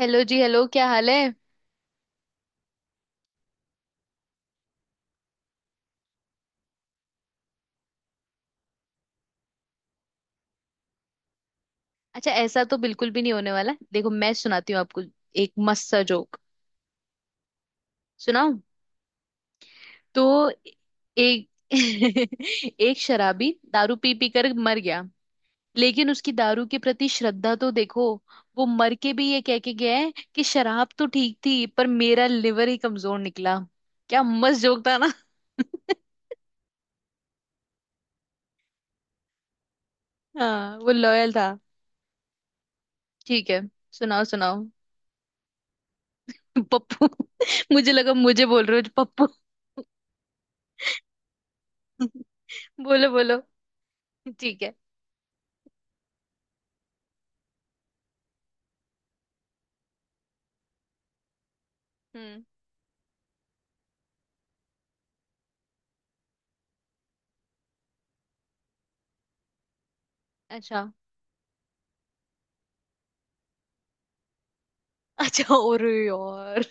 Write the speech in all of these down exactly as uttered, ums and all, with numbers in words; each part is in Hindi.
हेलो जी। हेलो, क्या हाल है? अच्छा, ऐसा तो बिल्कुल भी नहीं होने वाला। देखो, मैं सुनाती हूँ आपको एक मस्त सा जोक। सुनाऊं? तो एक एक शराबी दारू पी पी कर मर गया। लेकिन उसकी दारू के प्रति श्रद्धा तो देखो, वो मर के भी ये कह के गया है कि शराब तो ठीक थी, पर मेरा लिवर ही कमजोर निकला। क्या मस्त जोक था ना! हाँ, वो लॉयल था। ठीक है, सुनाओ सुनाओ। पप्पू, मुझे लगा मुझे बोल रहे हो पप्पू। बोलो बोलो। ठीक है। हम्म। अच्छा। अच्छा, और यार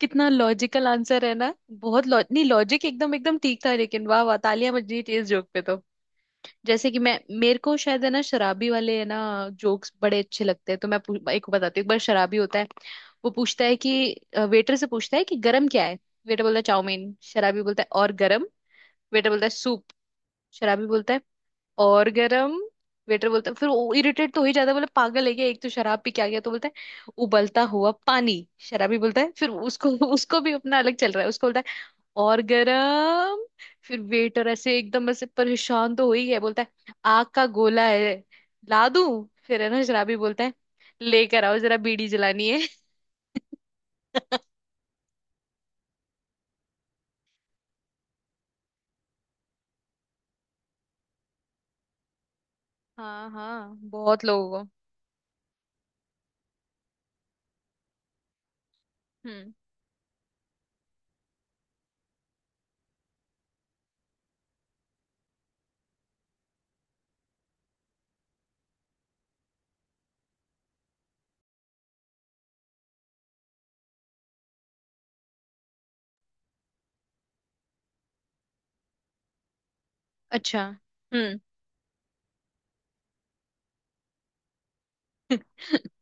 कितना लॉजिकल आंसर है ना! बहुत लॉ नहीं, लॉजिक एकदम एकदम ठीक था, लेकिन वाह वाह, तालियां बज रही थी इस जोक पे तो। जैसे कि मैं, मेरे को शायद, है ना, शराबी वाले, है ना, जोक्स बड़े अच्छे लगते हैं। तो मैं पू- एक को बताती हूँ। एक बार शराबी होता है। वो पूछता है कि, वेटर से पूछता है कि गरम क्या है। वेटर बोलता है चाउमीन। शराबी बोलता है और गरम। वेटर बोलता है सूप। शराबी बोलता है और गरम। वेटर बोलता है, फिर वो इरिटेट तो हो ही जाता है, बोले पागल है क्या, एक तो शराब पी के आ गया, तो बोलता है उबलता हुआ पानी। शराबी बोलता है, फिर उसको उसको भी अपना अलग चल रहा है, उसको बोलता है और गरम। फिर वेटर ऐसे एकदम ऐसे परेशान तो हो ही गया, बोलता है आग का गोला है ला दूं फिर? है ना, शराबी बोलता है लेकर आओ जरा, बीड़ी जलानी है। हाँ हाँ, बहुत लोगों को। हम्म। अच्छा। हम्म।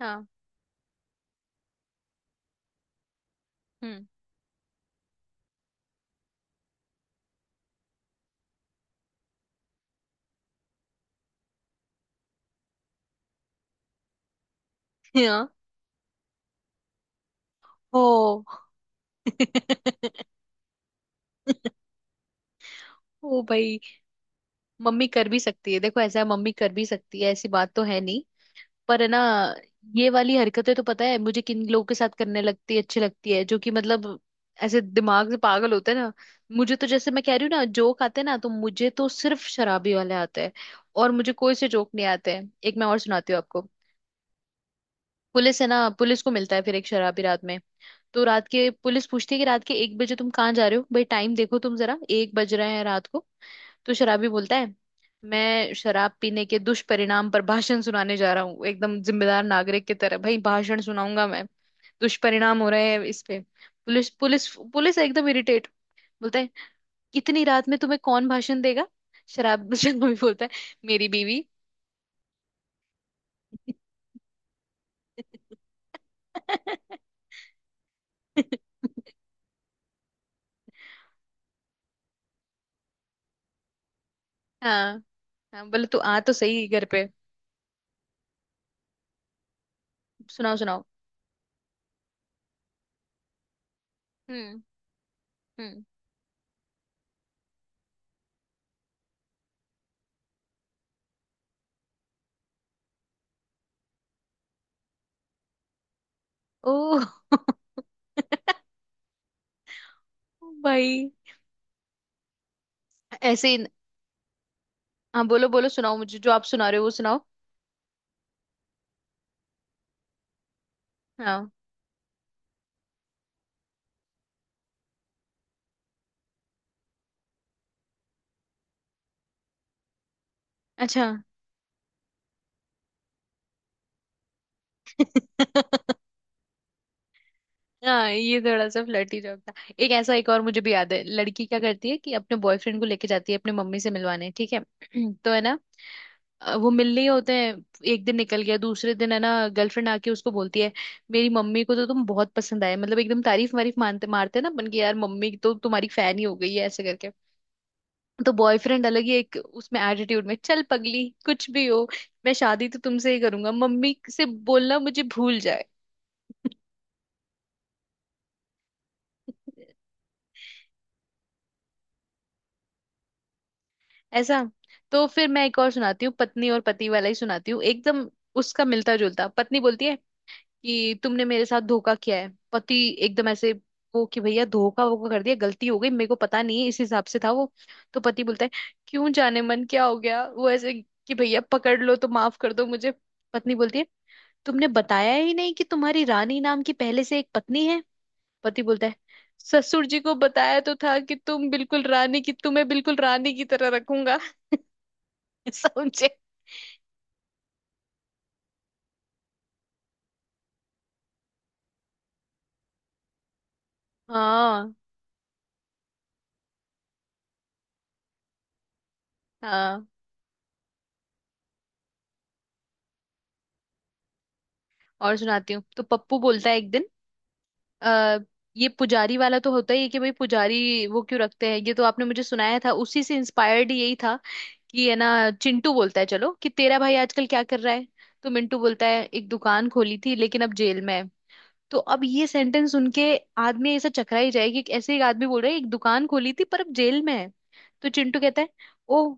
हाँ। हम्म। हाँ। ओ। ओ भाई। मम्मी कर भी सकती है, देखो, ऐसा है मम्मी कर भी सकती है, ऐसी बात तो है नहीं, पर है ना। ये वाली हरकतें तो, पता है मुझे किन लोगों के साथ करने लगती है, अच्छी लगती है, जो कि मतलब ऐसे दिमाग से पागल होते हैं ना। मुझे तो, जैसे मैं कह रही हूँ ना, जोक आते हैं ना तो मुझे तो सिर्फ शराबी वाले आते हैं, और मुझे कोई से जोक नहीं आते हैं। एक मैं और सुनाती हूँ आपको। पुलिस है ना, पुलिस को मिलता है फिर एक शराबी रात में। तो रात के, पुलिस पूछती है कि रात के एक बजे तुम कहाँ जा रहे हो भाई? टाइम देखो तुम जरा, एक बज रहे हैं रात को। तो शराबी बोलता है मैं शराब पीने के दुष्परिणाम पर भाषण सुनाने जा रहा हूँ, एकदम जिम्मेदार नागरिक की तरह भाई, भाषण सुनाऊंगा मैं, दुष्परिणाम हो रहे हैं इस पे। पुलिस पुलिस पुलिस एकदम इरिटेट, बोलता है इतनी रात में तुम्हें कौन भाषण देगा? शराब, शराबी बोलता है मेरी बीवी। हाँ हाँ, बोले तू आ तो सही घर पे। सुनाओ सुनाओ। हम्म। हम्म। ओह। भाई। ऐसे ही। हाँ, बोलो बोलो, सुनाओ मुझे जो आप सुना रहे हो वो सुनाओ। हाँ, अच्छा। हाँ, ये थोड़ा सा फ्लर्टी जोक था। एक ऐसा, एक और मुझे भी याद है। लड़की क्या करती है कि अपने बॉयफ्रेंड को लेके जाती है अपने मम्मी से मिलवाने, ठीक है। तो है ना, अ, वो मिलने ही होते हैं। एक दिन निकल गया, दूसरे दिन है ना, गर्लफ्रेंड आके उसको बोलती है मेरी मम्मी को तो तुम बहुत पसंद आए, मतलब एकदम तारीफ वारीफ, मानते मारते हैं ना बन के यार, मम्मी तो तुम्हारी फैन ही हो गई है, ऐसे करके। तो बॉयफ्रेंड अलग ही एक उसमें एटीट्यूड में, चल पगली, कुछ भी हो, मैं शादी तो तुमसे ही करूंगा, मम्मी से बोलना मुझे भूल जाए। ऐसा। तो फिर मैं एक और सुनाती हूँ, पत्नी और पति वाला ही सुनाती हूँ, एकदम उसका मिलता जुलता। पत्नी बोलती है कि तुमने मेरे साथ धोखा किया है। पति एकदम ऐसे, वो कि भैया धोखा वोखा कर दिया, गलती हो गई, मेरे को पता नहीं है, इस हिसाब से था वो। तो पति बोलता है, क्यों जाने मन क्या हो गया वो ऐसे, कि भैया पकड़ लो तो, माफ कर दो मुझे। पत्नी बोलती है तुमने बताया ही नहीं कि तुम्हारी रानी नाम की पहले से एक पत्नी है। पति बोलता है ससुर जी को बताया तो था कि तुम बिल्कुल रानी की, तुम्हें बिल्कुल रानी की तरह रखूंगा। समझे? हाँ हाँ, और सुनाती हूँ। तो पप्पू बोलता है एक दिन, आ, ये पुजारी वाला तो होता ही है कि भाई पुजारी वो क्यों रखते हैं, ये तो आपने मुझे सुनाया था, उसी से इंस्पायर्ड यही था, कि है ना, चिंटू बोलता है चलो कि तेरा भाई आजकल क्या कर रहा है। तो मिंटू बोलता है एक दुकान खोली थी लेकिन अब जेल में है। तो अब ये सेंटेंस सुन के आदमी ऐसा चकरा ही जाएगी, कि ऐसे एक आदमी बोल रहा है एक दुकान खोली थी पर अब जेल में है। तो चिंटू कहता है ओ,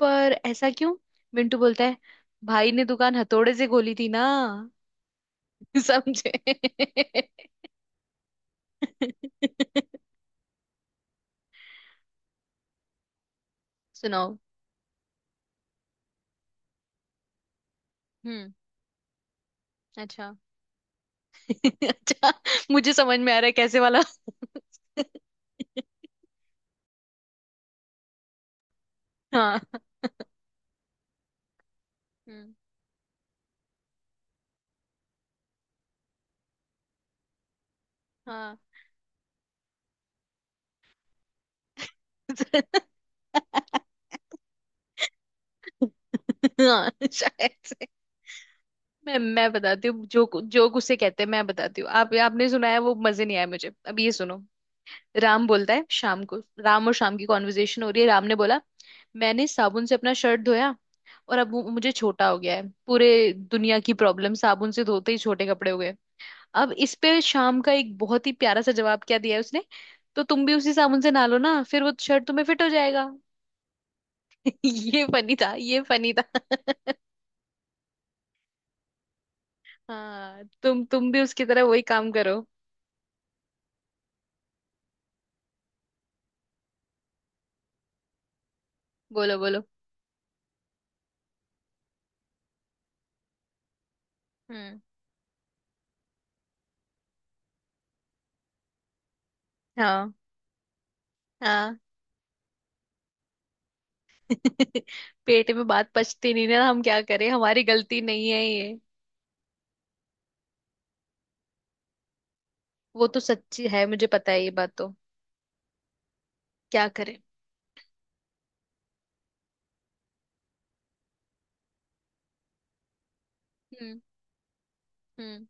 पर ऐसा क्यों? मिंटू बोलता है भाई ने दुकान हथौड़े से खोली थी ना। समझे? सुनाओ। हम्म। अच्छा। अच्छा, मुझे समझ में आ रहा है कैसे वाला। हाँ। हम्म। हाँ। हाँ, शायद से। मैं मैं बताती हूँ जो जोक उसे कहते हैं। मैं बताती हूँ, आप, आपने सुना है वो, मजे नहीं आए मुझे, अब ये सुनो। राम बोलता है शाम को, राम और शाम की कॉन्वर्जेशन हो रही है। राम ने बोला मैंने साबुन से अपना शर्ट धोया और अब वो मुझे छोटा हो गया है, पूरे दुनिया की प्रॉब्लम साबुन से धोते ही छोटे कपड़े हो गए। अब इस पे शाम का एक बहुत ही प्यारा सा जवाब क्या दिया है उसने, तो तुम भी उसी साबुन से नहा लो ना फिर, वो शर्ट तुम्हें फिट हो जाएगा। ये फनी था, ये फनी था। हाँ, तुम तुम भी उसकी तरह वही काम करो। बोलो बोलो। हम्म। हाँ हाँ। पेट में बात पचती नहीं ना, हम क्या करें, हमारी गलती नहीं है ये। वो तो सच्ची है, मुझे पता है ये बात तो। क्या करें। हम्म। हम्म।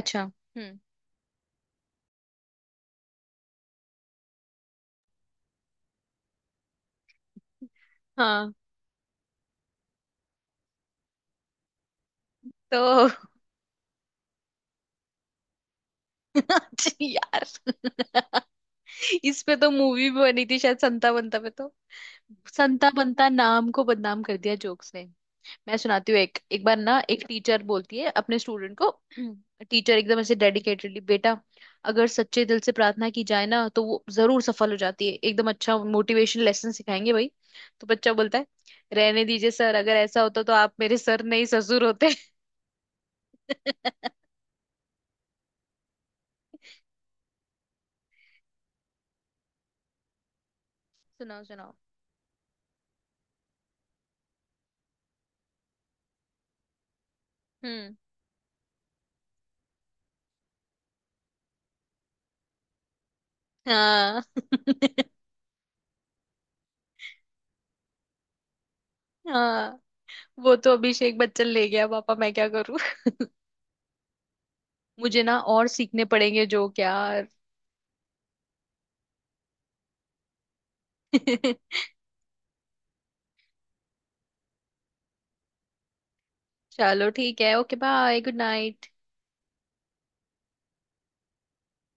अच्छा। हम्म। हाँ। तो यार इस पे तो मूवी भी बनी थी शायद, संता बंता पे तो। संता बंता नाम को बदनाम कर दिया जोक्स ने। मैं सुनाती हूँ एक, एक बार ना एक टीचर बोलती है अपने स्टूडेंट को। टीचर एकदम ऐसे डेडिकेटेडली, बेटा अगर सच्चे दिल से प्रार्थना की जाए ना तो वो जरूर सफल हो जाती है, एकदम अच्छा मोटिवेशन लेसन सिखाएंगे भाई। तो बच्चा बोलता है रहने दीजिए सर, अगर ऐसा होता तो आप मेरे सर नहीं ससुर होते। सुनाओ सुनाओ। हम्म। हाँ। हाँ, वो तो अभिषेक बच्चन ले गया, पापा मैं क्या करूँ। मुझे ना और सीखने पड़ेंगे जोक यार। चलो ठीक है, ओके, बाय, गुड नाइट।